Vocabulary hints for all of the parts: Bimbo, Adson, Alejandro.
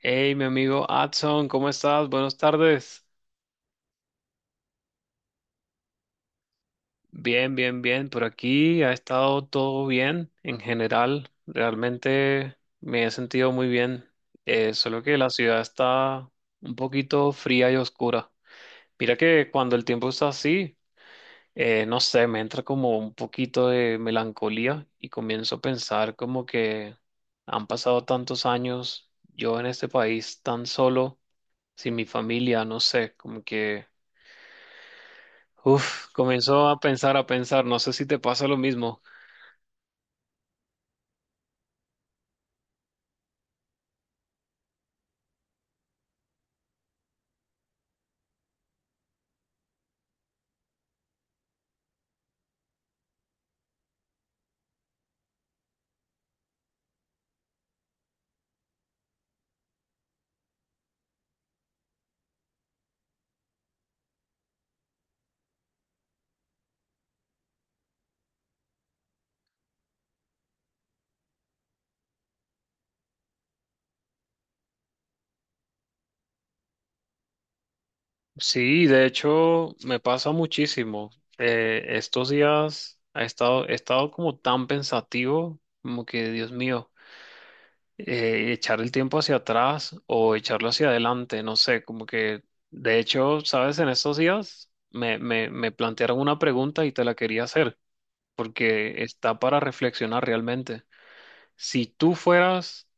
Hey, mi amigo Adson, ¿cómo estás? Buenas tardes. Bien, bien, bien. Por aquí ha estado todo bien en general. Realmente me he sentido muy bien. Solo que la ciudad está un poquito fría y oscura. Mira que cuando el tiempo está así, no sé, me entra como un poquito de melancolía y comienzo a pensar como que han pasado tantos años yo en este país tan solo, sin mi familia, no sé, como que... Uf, comenzó a pensar, no sé si te pasa lo mismo. Sí, de hecho, me pasa muchísimo. Estos días he estado como tan pensativo, como que, Dios mío, echar el tiempo hacia atrás o echarlo hacia adelante, no sé, como que, de hecho, sabes, en estos días me plantearon una pregunta y te la quería hacer, porque está para reflexionar realmente. Si tú fueras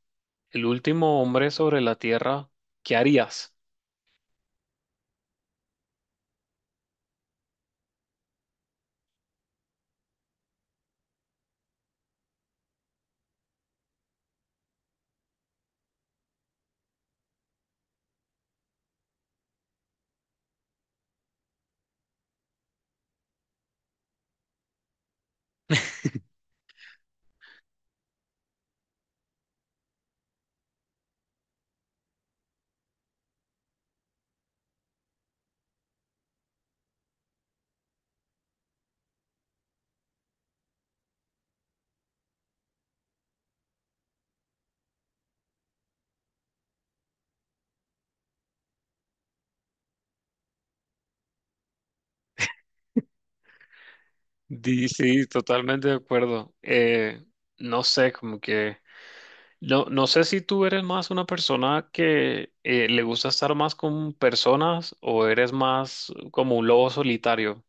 el último hombre sobre la Tierra, ¿qué harías? Sí, totalmente de acuerdo. No sé, como que... No, no sé si tú eres más una persona que le gusta estar más con personas o eres más como un lobo solitario.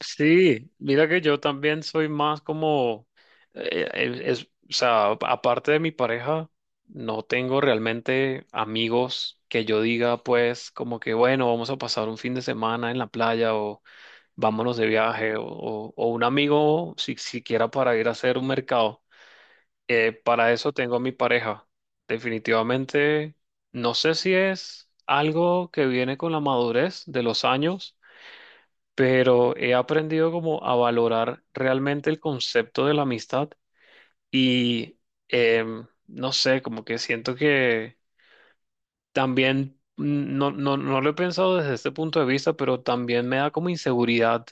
Sí, mira que yo también soy más como, es, o sea, aparte de mi pareja, no tengo realmente amigos que yo diga, pues, como que, bueno, vamos a pasar un fin de semana en la playa o vámonos de viaje o un amigo si, siquiera para ir a hacer un mercado. Para eso tengo a mi pareja. Definitivamente, no sé si es algo que viene con la madurez de los años, pero he aprendido como a valorar realmente el concepto de la amistad y, no sé, como que siento que también, mm, no lo he pensado desde este punto de vista, pero también me da como inseguridad,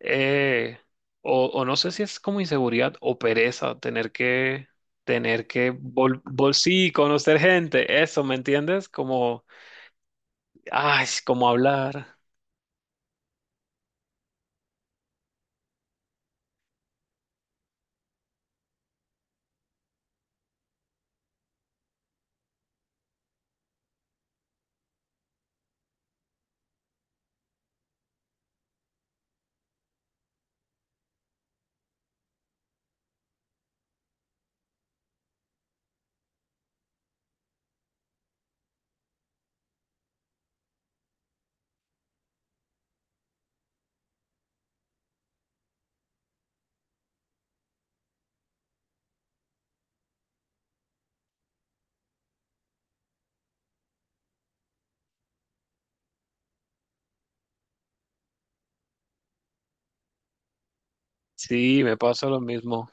eh, o no sé si es como inseguridad o pereza tener que sí, conocer gente, eso, ¿me entiendes? Como, ay, como hablar. Sí, me pasa lo mismo.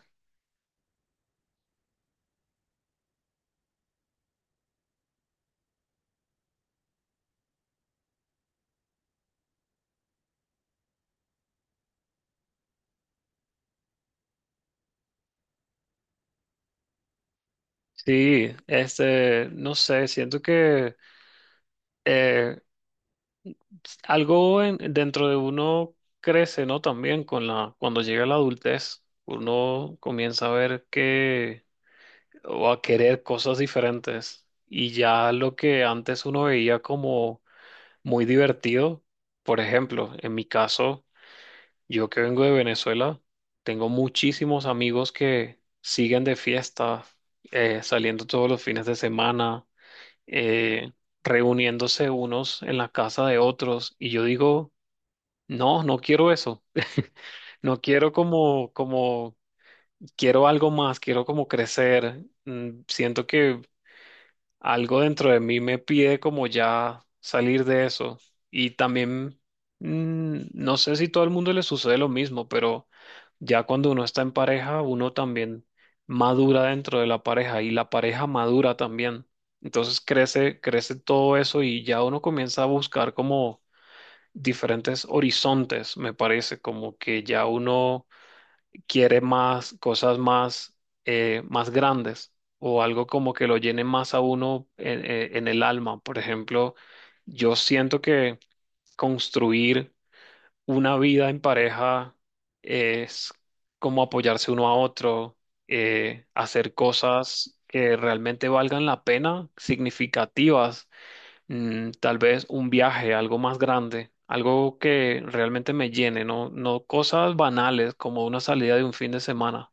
Sí, este, no sé, siento que eh, dentro de uno crece, ¿no? También con la, cuando llega la adultez, uno comienza a ver que, o a querer cosas diferentes. Y ya lo que antes uno veía como muy divertido, por ejemplo, en mi caso, yo que vengo de Venezuela, tengo muchísimos amigos que siguen de fiesta, saliendo todos los fines de semana, eh, reuniéndose unos en la casa de otros, y yo digo, no, no quiero eso, no quiero como, como, quiero algo más, quiero como crecer. Mm, siento que algo dentro de mí me pide como ya salir de eso. Y también, mm, no sé si todo el mundo le sucede lo mismo, pero ya cuando uno está en pareja, uno también madura dentro de la pareja y la pareja madura también. Entonces crece, crece todo eso y ya uno comienza a buscar como diferentes horizontes, me parece, como que ya uno quiere más cosas más, más grandes, o algo como que lo llene más a uno en, en el alma. Por ejemplo, yo siento que construir una vida en pareja es como apoyarse uno a otro, hacer cosas que realmente valgan la pena, significativas, mm, tal vez un viaje, algo más grande. Algo que realmente me llene, no, no cosas banales como una salida de un fin de semana.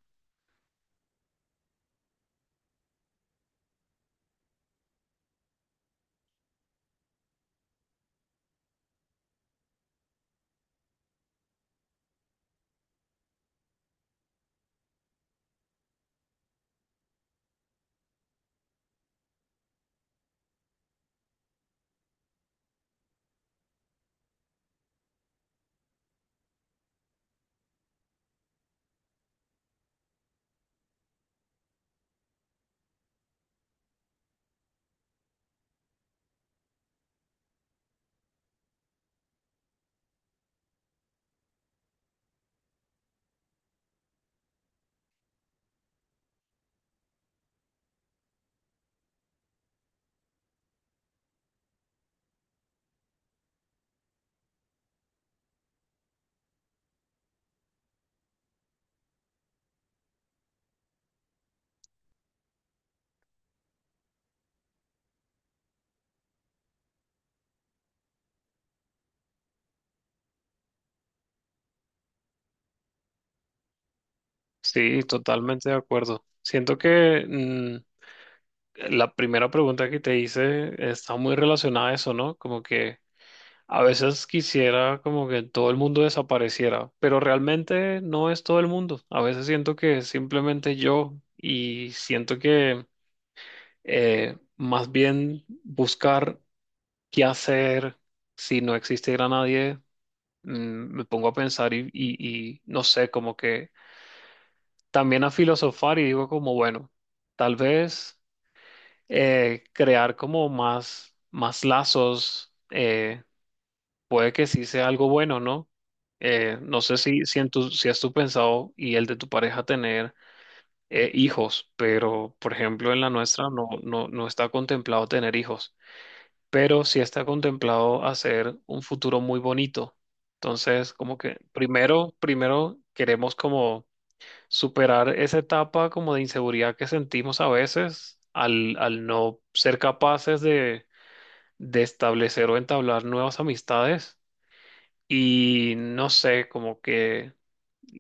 Sí, totalmente de acuerdo. Siento que, mm, la primera pregunta que te hice está muy relacionada a eso, ¿no? Como que a veces quisiera como que todo el mundo desapareciera, pero realmente no es todo el mundo. A veces siento que es simplemente yo, y siento que más bien buscar qué hacer si no existiera nadie, mm, me pongo a pensar y no sé, como que... también a filosofar y digo como, bueno, tal vez crear como más, más lazos, puede que sí sea algo bueno, ¿no? No sé si, si, en tu, si has tú pensado y el de tu pareja tener hijos, pero por ejemplo en la nuestra no, no está contemplado tener hijos, pero sí está contemplado hacer un futuro muy bonito. Entonces, como que primero, primero queremos como superar esa etapa como de inseguridad que sentimos a veces al, al no ser capaces de establecer o entablar nuevas amistades y no sé, como que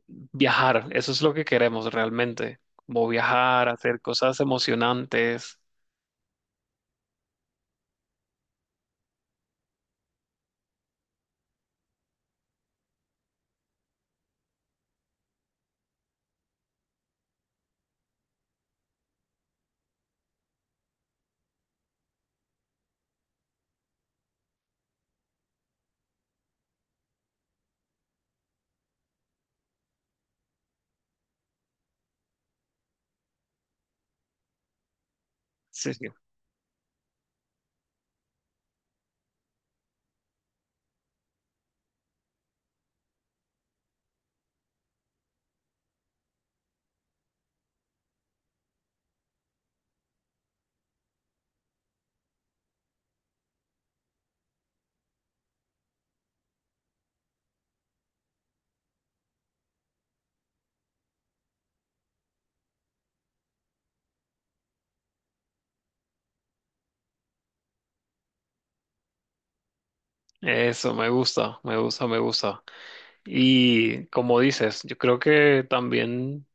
viajar, eso es lo que queremos realmente, como viajar, hacer cosas emocionantes. Sí, sí. Eso me gusta, me gusta, me gusta. Y como dices, yo creo que también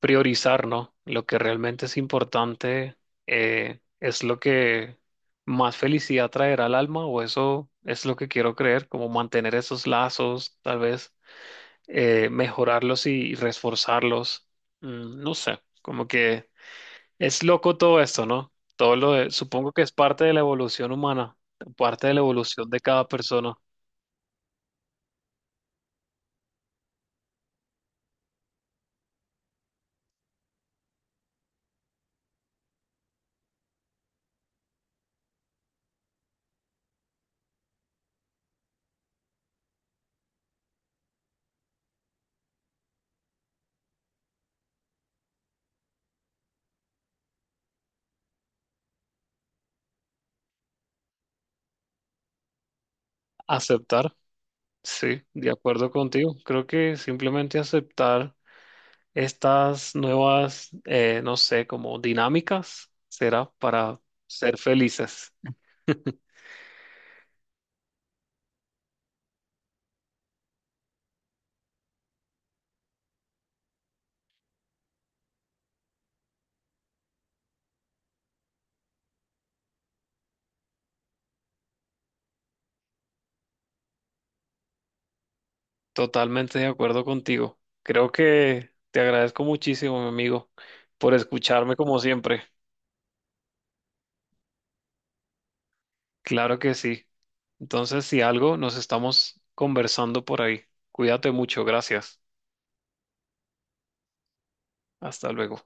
priorizar, ¿no? Lo que realmente es importante, es lo que más felicidad traerá al alma, o eso es lo que quiero creer, como mantener esos lazos, tal vez mejorarlos y reforzarlos. Mm, no sé, como que es loco todo esto, ¿no? Todo lo supongo que es parte de la evolución humana, parte de la evolución de cada persona. Aceptar, sí, de acuerdo contigo. Creo que simplemente aceptar estas nuevas, no sé, como dinámicas, será para ser felices. Totalmente de acuerdo contigo. Creo que te agradezco muchísimo, mi amigo, por escucharme como siempre. Claro que sí. Entonces, si algo, nos estamos conversando por ahí. Cuídate mucho. Gracias. Hasta luego.